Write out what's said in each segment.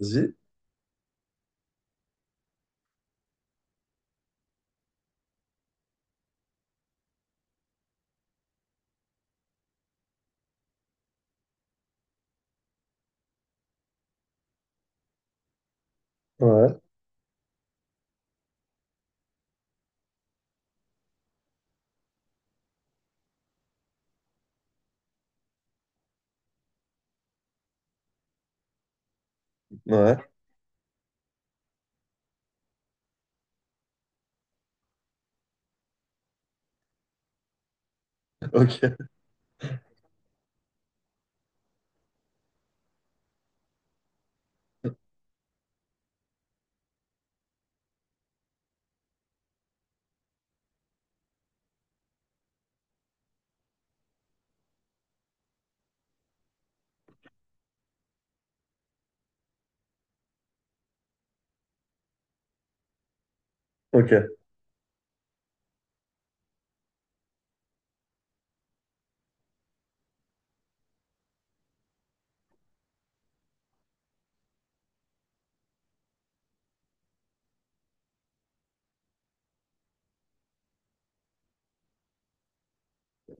Vas-y. Ouais, ouais, ok, ok.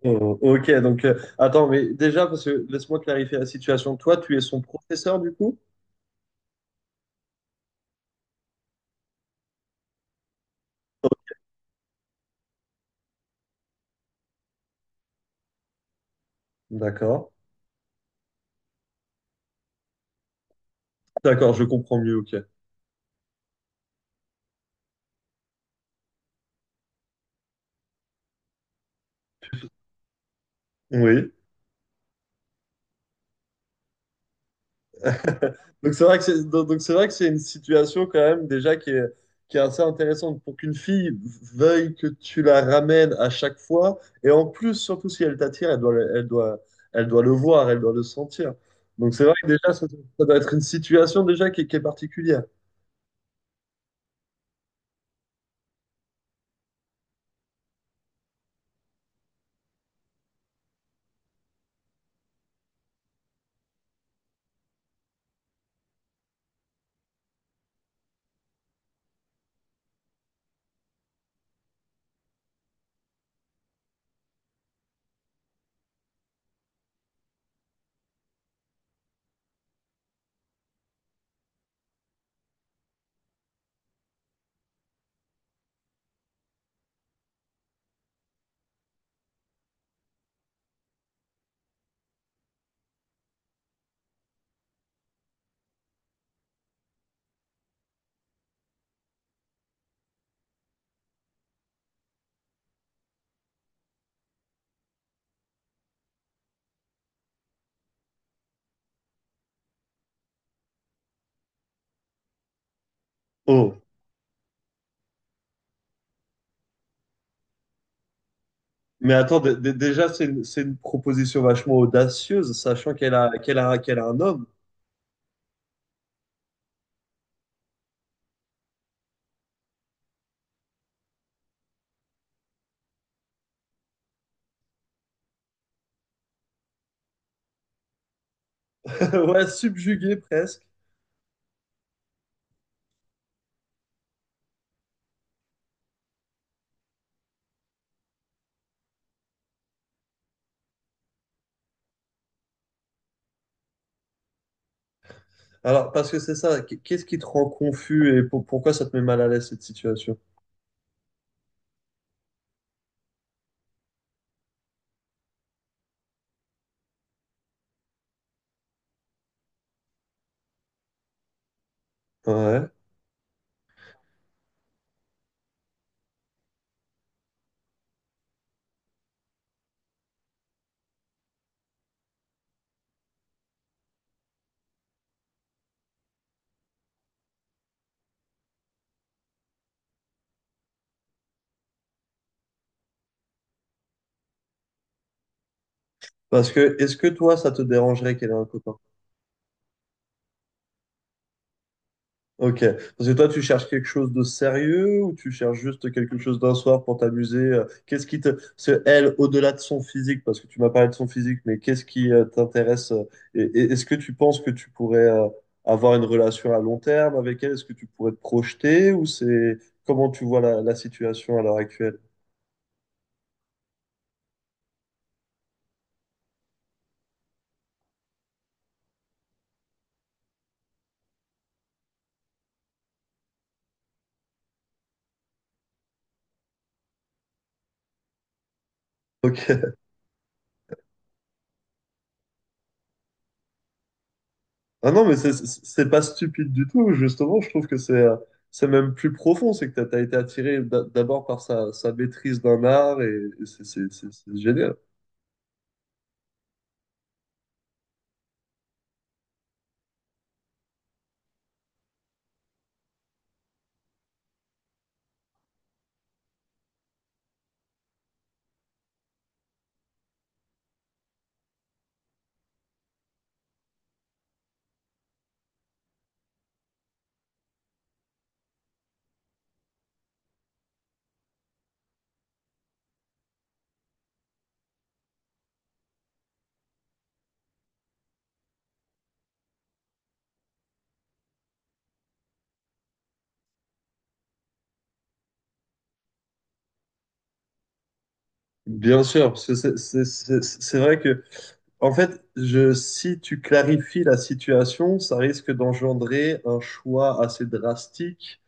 Oh, ok. Donc, attends, mais déjà, parce que laisse-moi clarifier la situation. Toi, tu es son professeur du coup? D'accord, d'accord, je comprends mieux, ok. Oui. Donc c'est vrai que c'est donc c'est vrai que c'est une situation quand même déjà qui est assez intéressante pour qu'une fille veuille que tu la ramènes à chaque fois, et en plus surtout si elle t'attire, elle doit le voir, elle doit le sentir. Donc c'est vrai que déjà ça, ça doit être une situation déjà qui est particulière. Oh. Mais attends, déjà, c'est une proposition vachement audacieuse, sachant qu'elle a un homme. Ouais, subjugué presque. Alors, parce que c'est ça, qu'est-ce qui te rend confus, et pourquoi ça te met mal à l'aise cette situation? Ouais. Parce que, est-ce que toi, ça te dérangerait qu'elle ait un copain? Ok. Parce que toi, tu cherches quelque chose de sérieux, ou tu cherches juste quelque chose d'un soir pour t'amuser? Qu'est-ce qui te... c'est elle, au-delà de son physique, parce que tu m'as parlé de son physique, mais qu'est-ce qui t'intéresse? Est-ce que tu penses que tu pourrais avoir une relation à long terme avec elle? Est-ce que tu pourrais te projeter, ou c'est... Comment tu vois la, la situation à l'heure actuelle? Ok. Ah non, mais c'est pas stupide du tout. Justement, je trouve que c'est même plus profond. C'est que t'as été attiré d'abord par sa, sa maîtrise d'un art, et c'est génial. Bien sûr, parce que c'est vrai que, en fait, je, si tu clarifies la situation, ça risque d'engendrer un choix assez drastique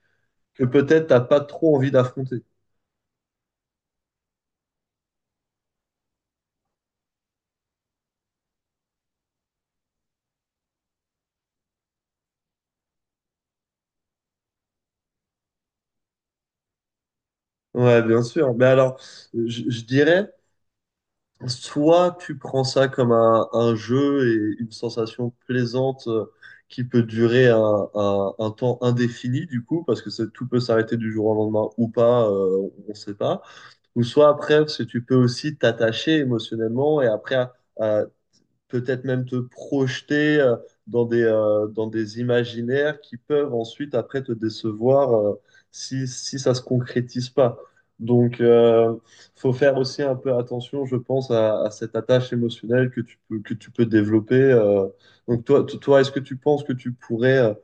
que peut-être t'as pas trop envie d'affronter. Ouais, bien sûr. Mais alors, je dirais. Soit tu prends ça comme un jeu et une sensation plaisante qui peut durer un, un temps indéfini, du coup, parce que c'est- tout peut s'arrêter du jour au lendemain ou pas, on ne sait pas. Ou soit après, parce que tu peux aussi t'attacher émotionnellement et après peut-être même te projeter dans des imaginaires qui peuvent ensuite après te décevoir si, si ça se concrétise pas. Donc, faut faire aussi un peu attention, je pense, à cette attache émotionnelle que tu peux développer. Donc, toi, toi, est-ce que tu penses que tu pourrais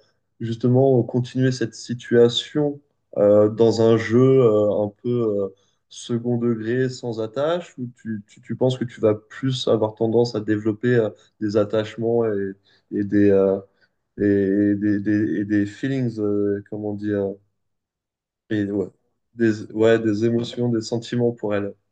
justement continuer cette situation dans un jeu un peu second degré sans attache, ou tu penses que tu vas plus avoir tendance à développer des attachements et des, euh, et, des, et des feelings, comment on dit, et, ouais, des émotions, des sentiments pour elle.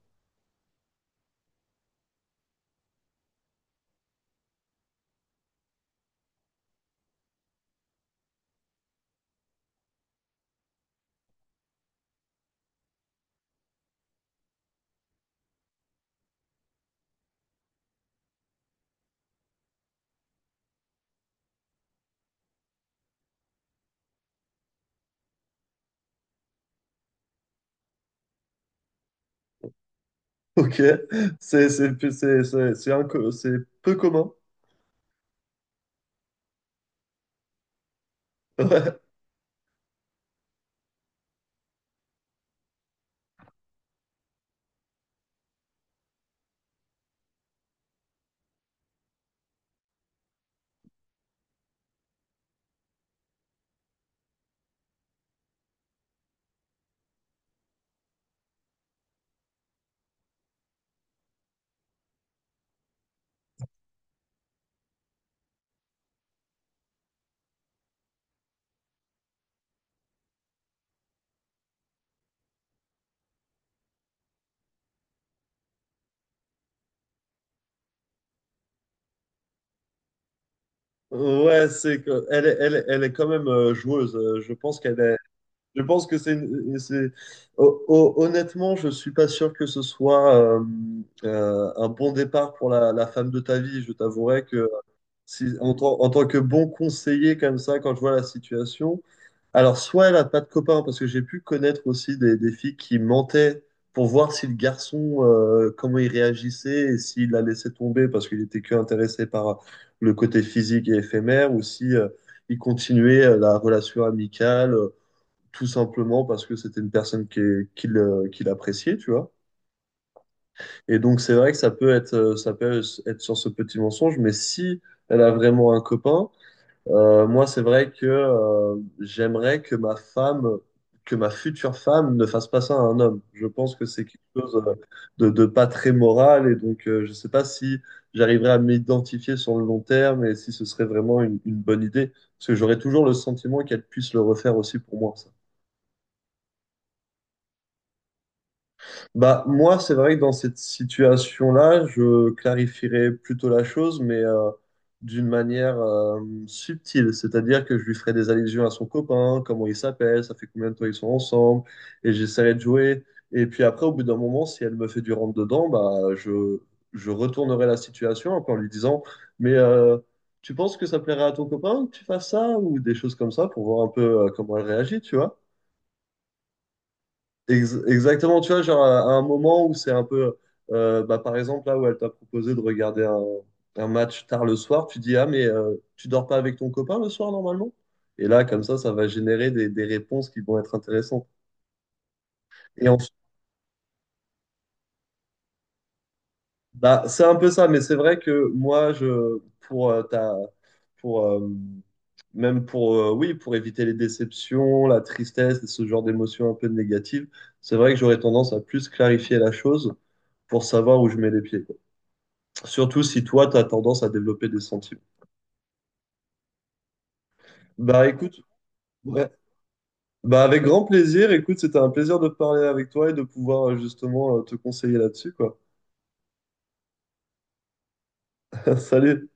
Ok, c'est c'est peu commun. Ouais, ouais, c'est que elle est quand même joueuse. Je pense qu'elle est. Je pense que c'est c'est- honnêtement, je suis pas sûr que ce soit un bon départ pour la, la femme de ta vie. Je t'avouerai que si, en tant que bon conseiller comme ça, quand je vois la situation, alors soit elle a pas de copain, parce que j'ai pu connaître aussi des filles qui mentaient pour voir si le garçon comment il réagissait, et s'il la laissait tomber parce qu'il était que intéressé par le côté physique et éphémère, ou si il continuait la relation amicale, tout simplement parce que c'était une personne qui, qui l'appréciait, tu vois. Et donc, c'est vrai que ça peut être sur ce petit mensonge, mais si elle a vraiment un copain, moi, c'est vrai que j'aimerais que ma femme, que ma future femme ne fasse pas ça à un homme. Je pense que c'est quelque chose de pas très moral, et donc, je sais pas si j'arriverais à m'identifier sur le long terme, et si ce serait vraiment une bonne idée, parce que j'aurais toujours le sentiment qu'elle puisse le refaire aussi pour moi. Bah, moi, c'est vrai que dans cette situation-là, je clarifierais plutôt la chose, mais d'une manière subtile. C'est-à-dire que je lui ferais des allusions à son copain, comment il s'appelle, ça fait combien de temps ils sont ensemble, et j'essaierai de jouer. Et puis après, au bout d'un moment, si elle me fait du rentre-dedans, bah, je retournerai la situation en lui disant, mais tu penses que ça plairait à ton copain que tu fasses ça, ou des choses comme ça, pour voir un peu comment elle réagit, tu vois. Exactement, tu vois, genre à un moment où c'est un peu, bah, par exemple, là où elle t'a proposé de regarder un match tard le soir, tu dis, ah, mais tu dors pas avec ton copain le soir normalement? Et là, comme ça va générer des réponses qui vont être intéressantes. Et ensuite, bah, c'est un peu ça, mais c'est vrai que moi, je, pour, ta, pour, même pour, oui, pour éviter les déceptions, la tristesse et ce genre d'émotions un peu négatives, c'est vrai que j'aurais tendance à plus clarifier la chose pour savoir où je mets les pieds. Surtout si toi, tu as tendance à développer des sentiments. Bah écoute, ouais. Bah, avec grand plaisir. Écoute, c'était un plaisir de parler avec toi et de pouvoir justement te conseiller là-dessus, quoi. Salut.